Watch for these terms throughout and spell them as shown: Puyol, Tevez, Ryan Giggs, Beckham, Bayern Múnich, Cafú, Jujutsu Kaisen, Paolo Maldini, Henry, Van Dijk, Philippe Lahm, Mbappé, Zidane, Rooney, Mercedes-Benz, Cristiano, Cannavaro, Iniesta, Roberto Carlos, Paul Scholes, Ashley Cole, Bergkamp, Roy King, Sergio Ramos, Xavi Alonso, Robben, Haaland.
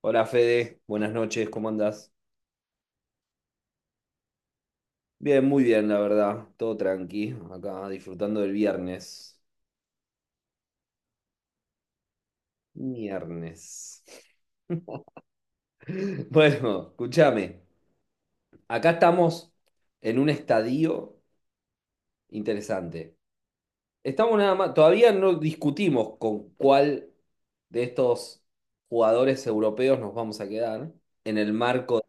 Hola Fede, buenas noches, ¿cómo andás? Bien, muy bien, la verdad, todo tranqui, acá disfrutando del viernes. Viernes. Bueno, escúchame, acá estamos en un estadio interesante. Estamos nada más, todavía no discutimos con cuál de estos jugadores europeos nos vamos a quedar en el marco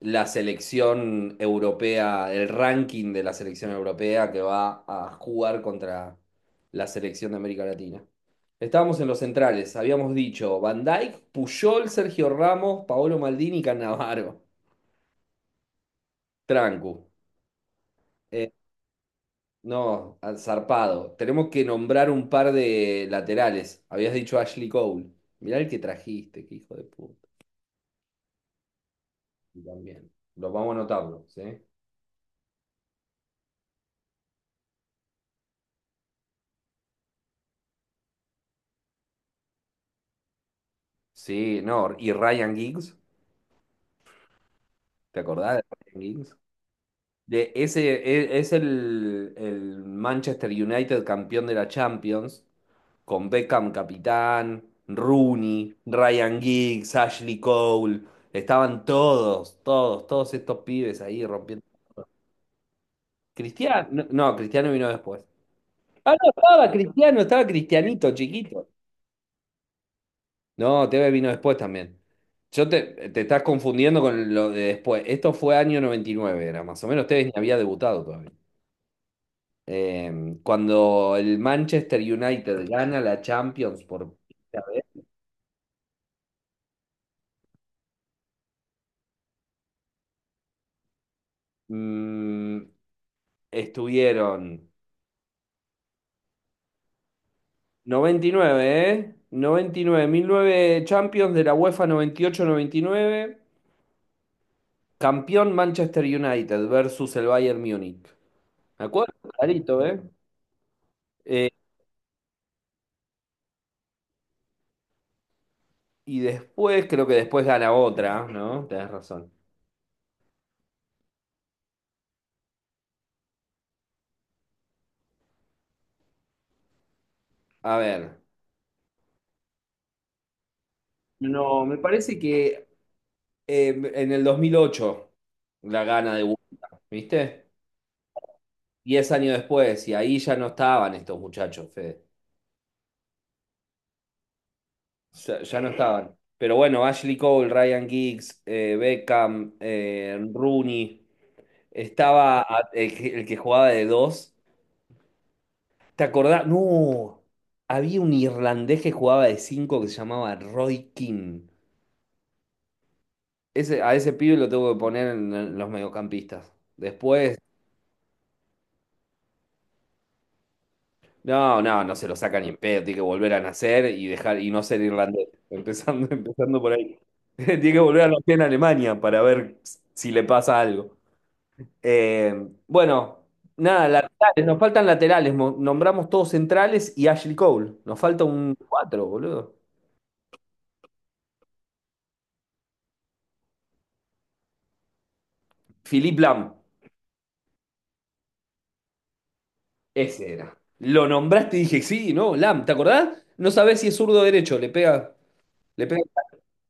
la selección europea, el ranking de la selección europea que va a jugar contra la selección de América Latina. Estábamos en los centrales, habíamos dicho Van Dijk, Puyol, Sergio Ramos, Paolo Maldini y Cannavaro. Trancu. Eh, no, al zarpado. Tenemos que nombrar un par de laterales. Habías dicho Ashley Cole. Mirá el que trajiste, qué hijo de puta. Y también. Los vamos a anotarlo, ¿sí? Sí, no. ¿Y Ryan Giggs? ¿Te acordás de Ryan Giggs? De ese, es el Manchester United campeón de la Champions, con Beckham capitán, Rooney, Ryan Giggs, Ashley Cole, estaban todos, todos, todos estos pibes ahí rompiendo. Cristiano, no, no, Cristiano vino después. Ah, no, estaba Cristiano, estaba Cristianito, chiquito. No, Tevez vino después también. Yo te estás confundiendo con lo de después. Esto fue año 99 era más o menos. Tevez ni había debutado todavía. Cuando el Manchester United gana la Champions por primera vez, mm, estuvieron 99, ¿eh? Noventa y nueve, mil nueve Champions de la UEFA noventa noventa y ocho noventa y nueve, campeón Manchester United versus el Bayern Múnich. ¿Me acuerdo? Clarito, ¿eh? Eh, y después, creo que después gana otra, ¿no? Tenés razón. A ver. No, me parece que en el 2008 la gana de UEFA, ¿viste? 10 años después, y ahí ya no estaban estos muchachos, Fede. Ya, ya no estaban. Pero bueno, Ashley Cole, Ryan Giggs, Beckham, Rooney, estaba el que jugaba de dos. ¿Te acordás? No, había un irlandés que jugaba de cinco que se llamaba Roy King. Ese, a ese pibe lo tengo que poner en los mediocampistas. Después, no, no, no se lo saca ni en pedo, tiene que volver a nacer y dejar y no ser irlandés. Empezando, empezando por ahí. Tiene que volver a nacer en Alemania para ver si le pasa algo. Eh, bueno, nada, laterales, nos faltan laterales. Nombramos todos centrales y Ashley Cole. Nos falta un cuatro, boludo. Philippe Lam, ese era. Lo nombraste y dije, sí, no, Lam, ¿te acordás? No sabés si es zurdo o derecho, le pega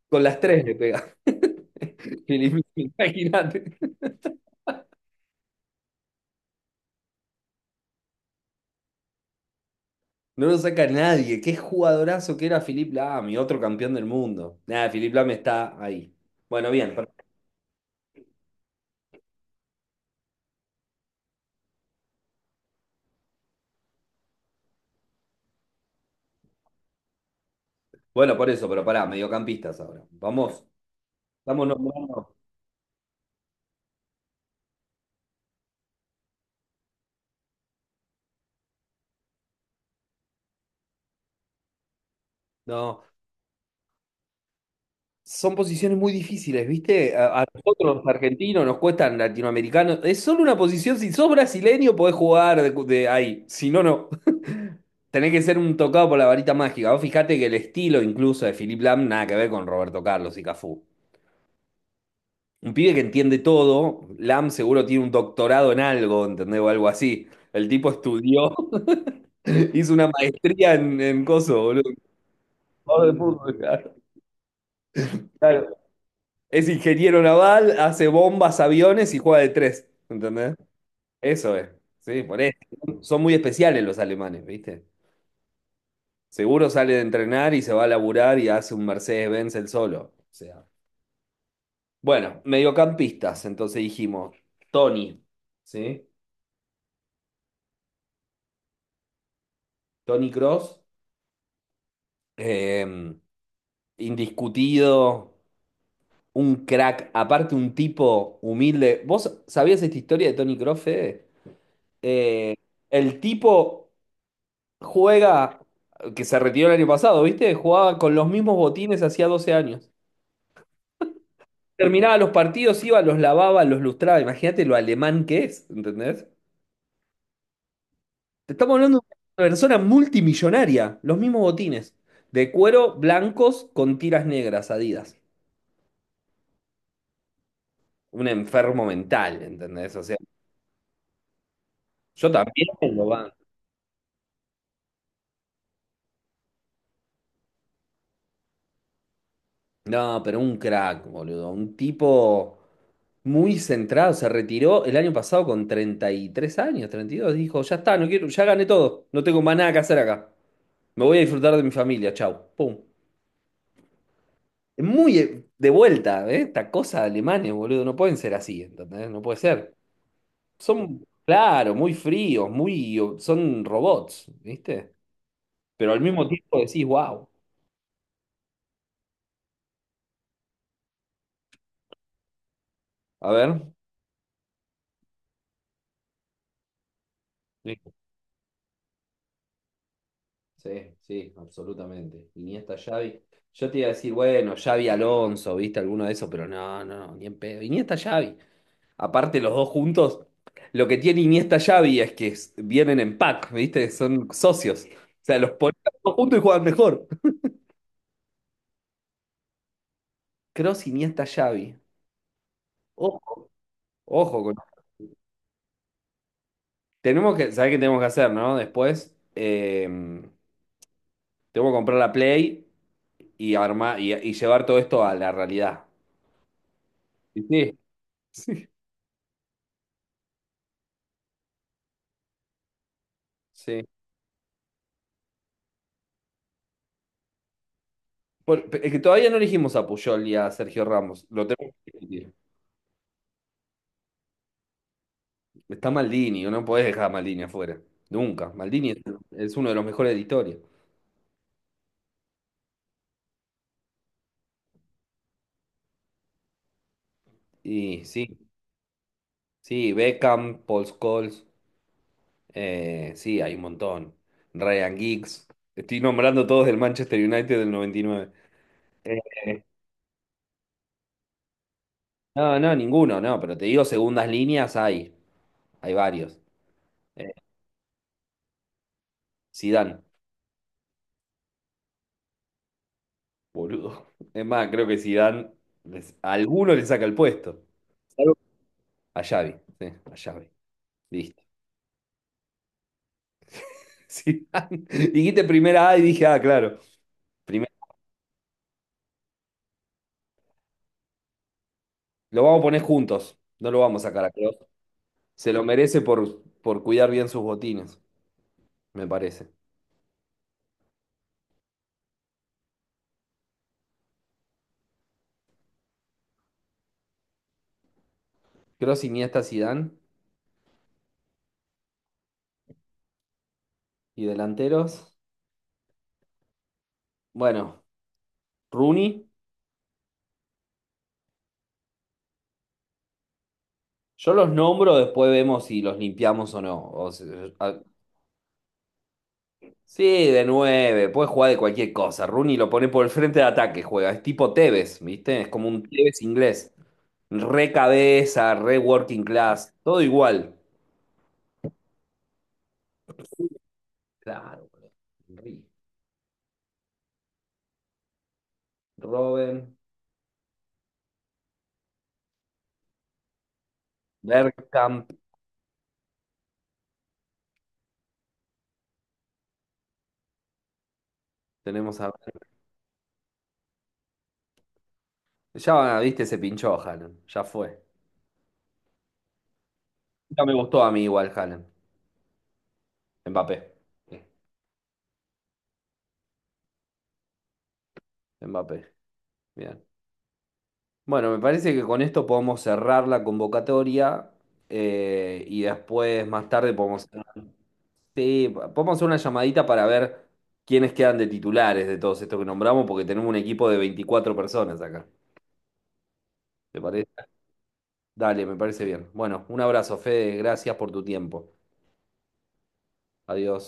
con las tres, le pega. Philippe, imagínate. No lo saca nadie. Qué jugadorazo que era Philipp Lahm, mi otro campeón del mundo. Nada, Philipp Lahm está ahí. Bueno, bien. Bueno, por eso, pero pará, mediocampistas ahora. Vamos, vamos, no, no. No. Son posiciones muy difíciles, ¿viste? A nosotros, los argentinos, nos cuestan latinoamericanos. Es solo una posición, si sos brasileño, podés jugar de ahí. Si no, no. Tenés que ser un tocado por la varita mágica. Vos fijate que el estilo incluso de Philipp Lahm nada que ver con Roberto Carlos y Cafú. Un pibe que entiende todo. Lam seguro tiene un doctorado en algo, ¿entendés? O algo así. El tipo estudió, hizo una maestría en coso, boludo. Jugador de fútbol, claro. Claro. Es ingeniero naval, hace bombas, aviones y juega de tres, ¿entendés? Eso es. Sí, por eso. Son muy especiales los alemanes, ¿viste? Seguro sale de entrenar y se va a laburar y hace un Mercedes-Benz el solo. O sea. Bueno, mediocampistas, entonces dijimos. Tony, ¿sí? Tony Cross, eh, indiscutido, un crack, aparte un tipo humilde. ¿Vos sabías esta historia de Tony Kroos, Fede? Eh, El tipo juega, que se retiró el año pasado, ¿viste? Jugaba con los mismos botines hacía 12 años. Terminaba los partidos, iba, los lavaba, los lustraba. Imagínate lo alemán que es, ¿entendés? Te estamos hablando de una persona multimillonaria, los mismos botines, de cuero blancos con tiras negras, Adidas. Un enfermo mental, ¿entendés? O sea. Yo también tengo banda. No, pero un crack, boludo. Un tipo muy centrado. Se retiró el año pasado con 33 años, 32. Dijo, ya está, no quiero, ya gané todo. No tengo más nada que hacer acá. Me voy a disfrutar de mi familia. Chau. Pum. Es muy de vuelta, ¿eh? Esta cosa de alemanes, boludo. No pueden ser así, ¿entendés? No puede ser. Son, claro, muy fríos, son robots, ¿viste? Pero al mismo tiempo decís, wow. A ver. Sí. Sí, sí, absolutamente. Iniesta, Xavi. Yo te iba a decir, bueno, Xavi Alonso, ¿viste alguno de esos? Pero no, no, ni en pedo. Iniesta, Xavi. Aparte, los dos juntos, lo que tiene Iniesta, Xavi es que vienen en pack, ¿viste? Son socios. O sea, los ponen los dos juntos y juegan mejor. Cross, Iniesta, Xavi. Ojo, ojo con... Tenemos que, ¿sabés qué tenemos que hacer, no? Después, tengo que comprar la Play y armar y llevar todo esto a la realidad. Sí, sí. Sí. Es que todavía no elegimos a Puyol y a Sergio Ramos. Lo tenemos que discutir. Está Maldini, no podés dejar a Maldini afuera. Nunca. Maldini es uno de los mejores de la historia. Y sí, sí, Beckham, Paul Scholes, sí, hay un montón. Ryan Giggs. Estoy nombrando todos del Manchester United del 99. Eh, No, no, ninguno, no, pero te digo, segundas líneas hay. Hay varios. Eh, Zidane, boludo. Es más, creo que Zidane, a alguno le saca el puesto. A Xavi, sí, a Xavi. Listo. Sí. Dijiste primera A y dije, ah, claro. Primera- Lo vamos a poner juntos. No lo vamos a sacar a Kroos. Se lo merece por cuidar bien sus botines, me parece. Kroos, Iniesta, Zidane y delanteros. Bueno, Rooney. Yo los nombro, después vemos si los limpiamos o no. O si- a- Sí, de nueve, puede jugar de cualquier cosa. Rooney lo pone por el frente de ataque, juega. Es tipo Tevez, ¿viste? Es como un Tevez inglés. Re cabeza, re working class, todo igual. Claro, boludo. Henry, Robben, Bergkamp, tenemos a... Ya, viste, se pinchó Haaland, ya fue. Nunca me gustó a mí igual Haaland. Mbappé. Sí, Mbappé, bien. Bueno, me parece que con esto podemos cerrar la convocatoria, y después, más tarde, podemos, sí, podemos hacer una llamadita para ver quiénes quedan de titulares de todos estos que nombramos, porque tenemos un equipo de 24 personas acá. ¿Te parece? Dale, me parece bien. Bueno, un abrazo, Fede. Gracias por tu tiempo. Adiós.